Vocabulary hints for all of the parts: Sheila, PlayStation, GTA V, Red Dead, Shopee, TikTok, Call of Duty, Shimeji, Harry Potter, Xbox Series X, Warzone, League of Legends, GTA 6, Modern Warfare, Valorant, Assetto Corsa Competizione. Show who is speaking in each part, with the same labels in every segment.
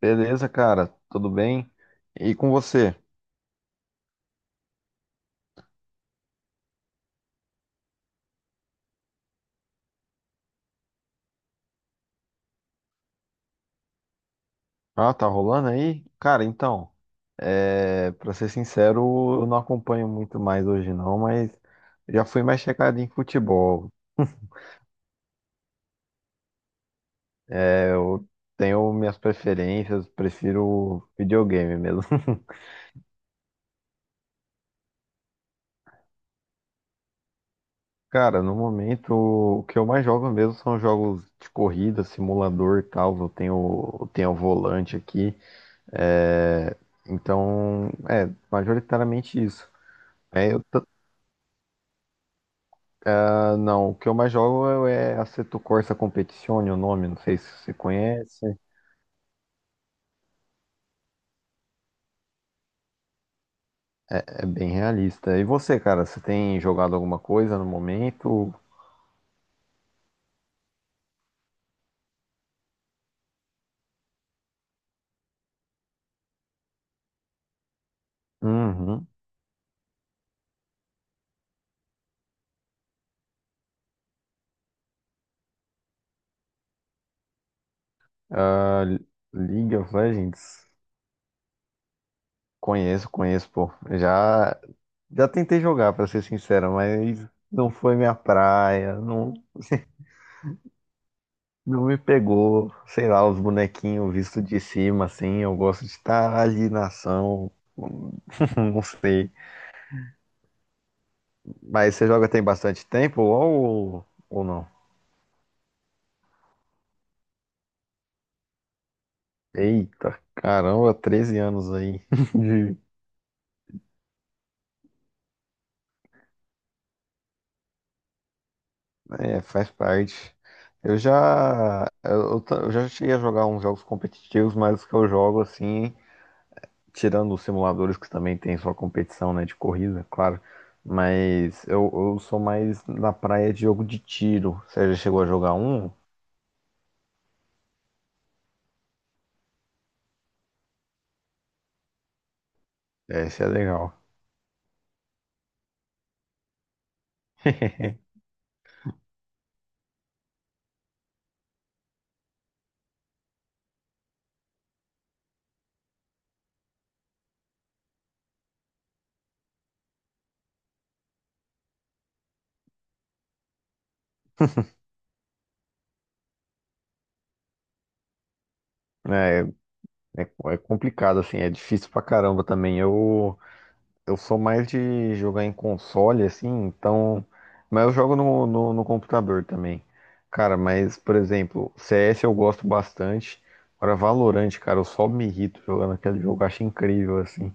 Speaker 1: Beleza, cara, tudo bem? E com você? Ah, tá rolando aí? Cara, então, pra ser sincero, eu não acompanho muito mais hoje não, mas já fui mais chegado em futebol. É, eu tenho minhas preferências, prefiro videogame mesmo. Cara, no momento, o que eu mais jogo mesmo são jogos de corrida, simulador e tal. Eu tenho o volante aqui. É, então, majoritariamente isso. É, eu t- Não, o que eu mais jogo é Assetto Corsa Competizione, o nome, não sei se você conhece. É bem realista. E você, cara, você tem jogado alguma coisa no momento? Uhum. Ah, League of Legends. Conheço, conheço, pô. Já tentei jogar, pra ser sincero, mas não foi minha praia, não, não me pegou. Sei lá, os bonequinhos visto de cima, assim, eu gosto de estar ali na ação, não sei. Mas você joga tem bastante tempo ou não? Eita, caramba, 13 anos aí. de- É, faz parte. Eu já cheguei a jogar uns jogos competitivos, mas os que eu jogo assim, tirando os simuladores que também tem sua competição, né, de corrida, claro. Mas eu sou mais na praia de jogo de tiro. Você já chegou a jogar um? É, esse é legal. É, é, é complicado assim, é difícil pra caramba também. Eu sou mais de jogar em console, assim, então. Mas eu jogo no computador também. Cara, mas, por exemplo, CS eu gosto bastante. Agora, Valorant, cara, eu só me irrito jogando aquele jogo, eu acho incrível, assim.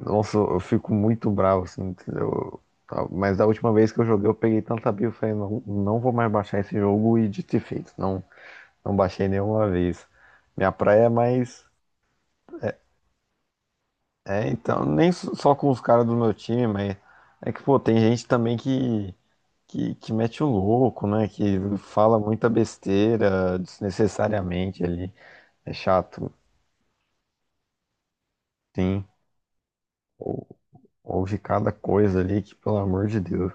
Speaker 1: Nossa, eu fico muito bravo, assim, entendeu? Tá, mas da última vez que eu joguei, eu peguei tanta birra, eu falei, não, não vou mais baixar esse jogo, e dito e feito. Não, não baixei nenhuma vez. Minha praia é mais. É, então, nem s- só com os caras do meu time, mas é que, pô, tem gente também que mete o louco, né? Que fala muita besteira desnecessariamente ali. É chato, sim. Ou, ouve cada coisa ali que, pelo amor de Deus.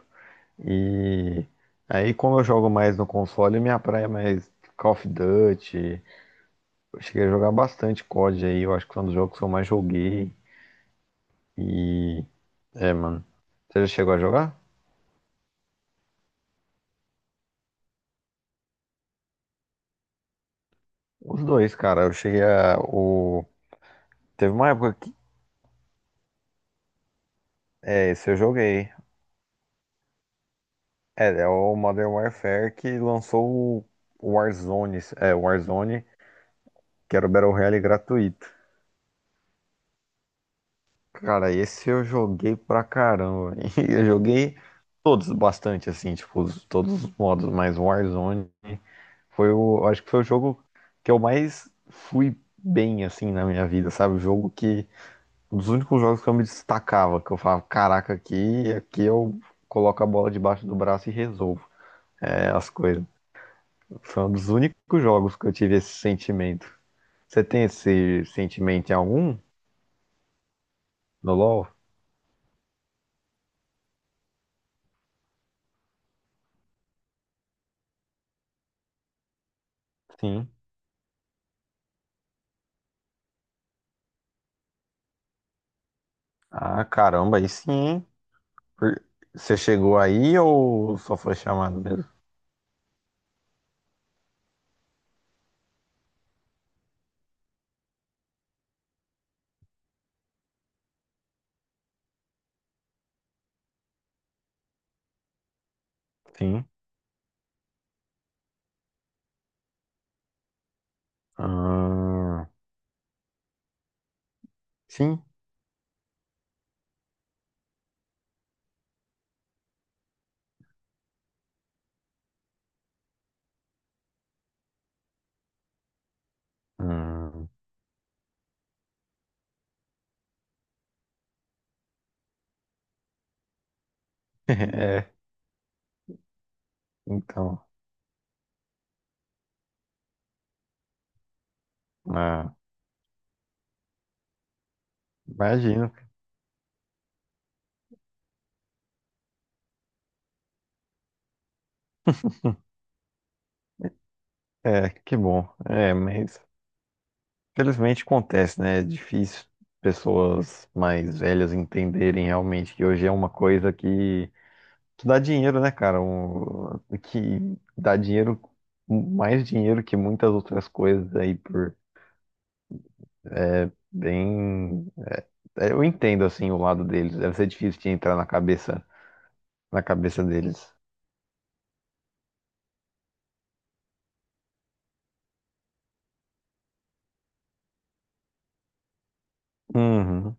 Speaker 1: E aí, como eu jogo mais no console, minha praia é mais Call of Duty. Eu cheguei a jogar bastante COD aí, eu acho que foi um dos jogos que eu mais joguei. E, é, mano. Você já chegou a jogar? Os dois, cara, eu cheguei a. Teve uma época que. É, esse eu joguei. É, é o Modern Warfare que lançou o Warzone, que era o Battle Royale gratuito. Cara, esse eu joguei pra caramba. E eu joguei todos bastante, assim, tipo, todos os modos, mas o Warzone foi o. Acho que foi o jogo que eu mais fui bem, assim, na minha vida, sabe? O jogo que Um dos únicos jogos que eu me destacava, que eu falava, caraca, aqui eu coloco a bola debaixo do braço e resolvo, é, as coisas. Foi um dos únicos jogos que eu tive esse sentimento. Você tem esse sentimento em algum? No LoL? Sim. Ah, caramba, aí sim, hein? Por- Você chegou aí ou só foi chamado mesmo? Sim. Ah, sim. Hum. É, então. Ah, imagino. É, que bom. É, mas felizmente acontece, né? É difícil pessoas mais velhas entenderem realmente que hoje é uma coisa que dá dinheiro, né, cara? Que dá dinheiro, mais dinheiro que muitas outras coisas aí por bem. É, eu entendo assim o lado deles. Deve ser difícil de entrar na cabeça deles. Uhum,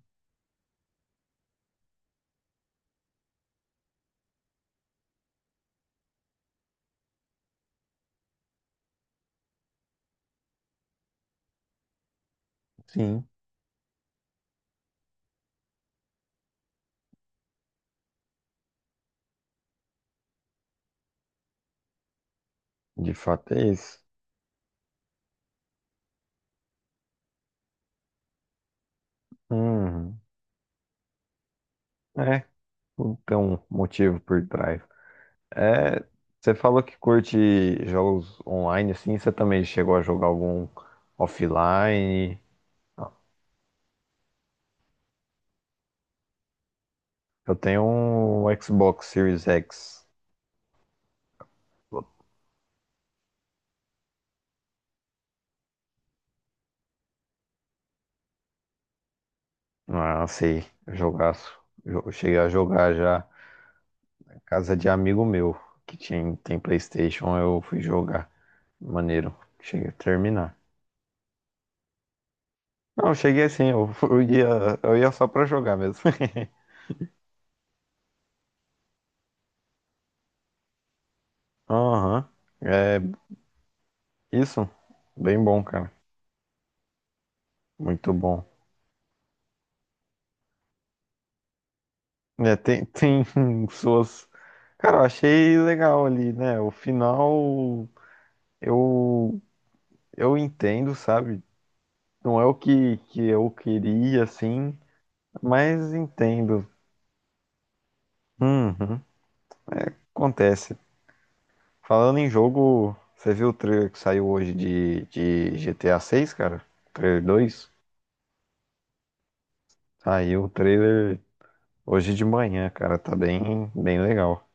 Speaker 1: sim, de fato é isso. Uhum, é, tem um motivo por trás. É, você falou que curte jogos online, assim, você também chegou a jogar algum offline? Eu tenho um Xbox Series X. Ah, sei, jogaço. Eu cheguei a jogar já casa de amigo meu, que tinha, tem PlayStation, eu fui jogar. Maneiro, cheguei a terminar. Não, eu cheguei assim, eu, eu ia só pra jogar mesmo. Aham, é isso, bem bom, cara, muito bom. É, tem, suas. Cara, eu achei legal ali, né? O final eu, eu entendo, sabe? Não é que eu queria, assim, mas entendo. Uhum, acontece. Falando em jogo, você viu o trailer que saiu hoje de GTA 6, cara? Trailer 2 Saiu o trailer hoje de manhã, cara. Tá bem, bem legal.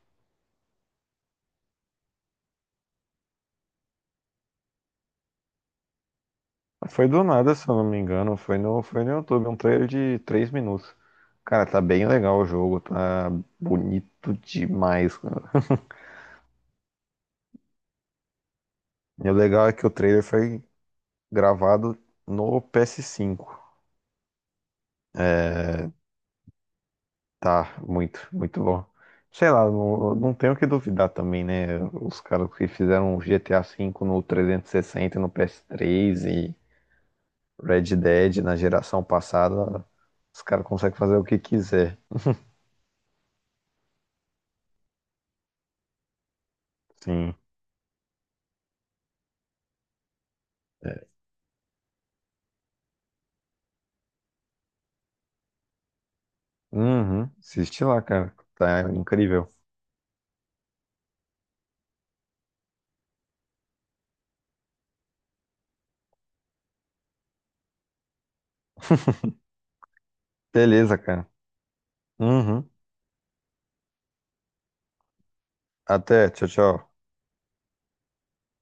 Speaker 1: Foi do nada, se eu não me engano. Foi foi no YouTube, um trailer de 3 minutos. Cara, tá bem legal o jogo, tá bonito demais, cara. E o legal é que o trailer foi gravado no PS5. É, tá muito, muito bom. Sei lá, não, não tenho o que duvidar também, né? Os caras que fizeram o GTA 5 no 360, e no PS3, e Red Dead na geração passada, os caras conseguem fazer o que quiser. Sim. Uhum. Assiste lá, cara. Tá incrível. Beleza, cara. Uhum. Até. Tchau, tchau.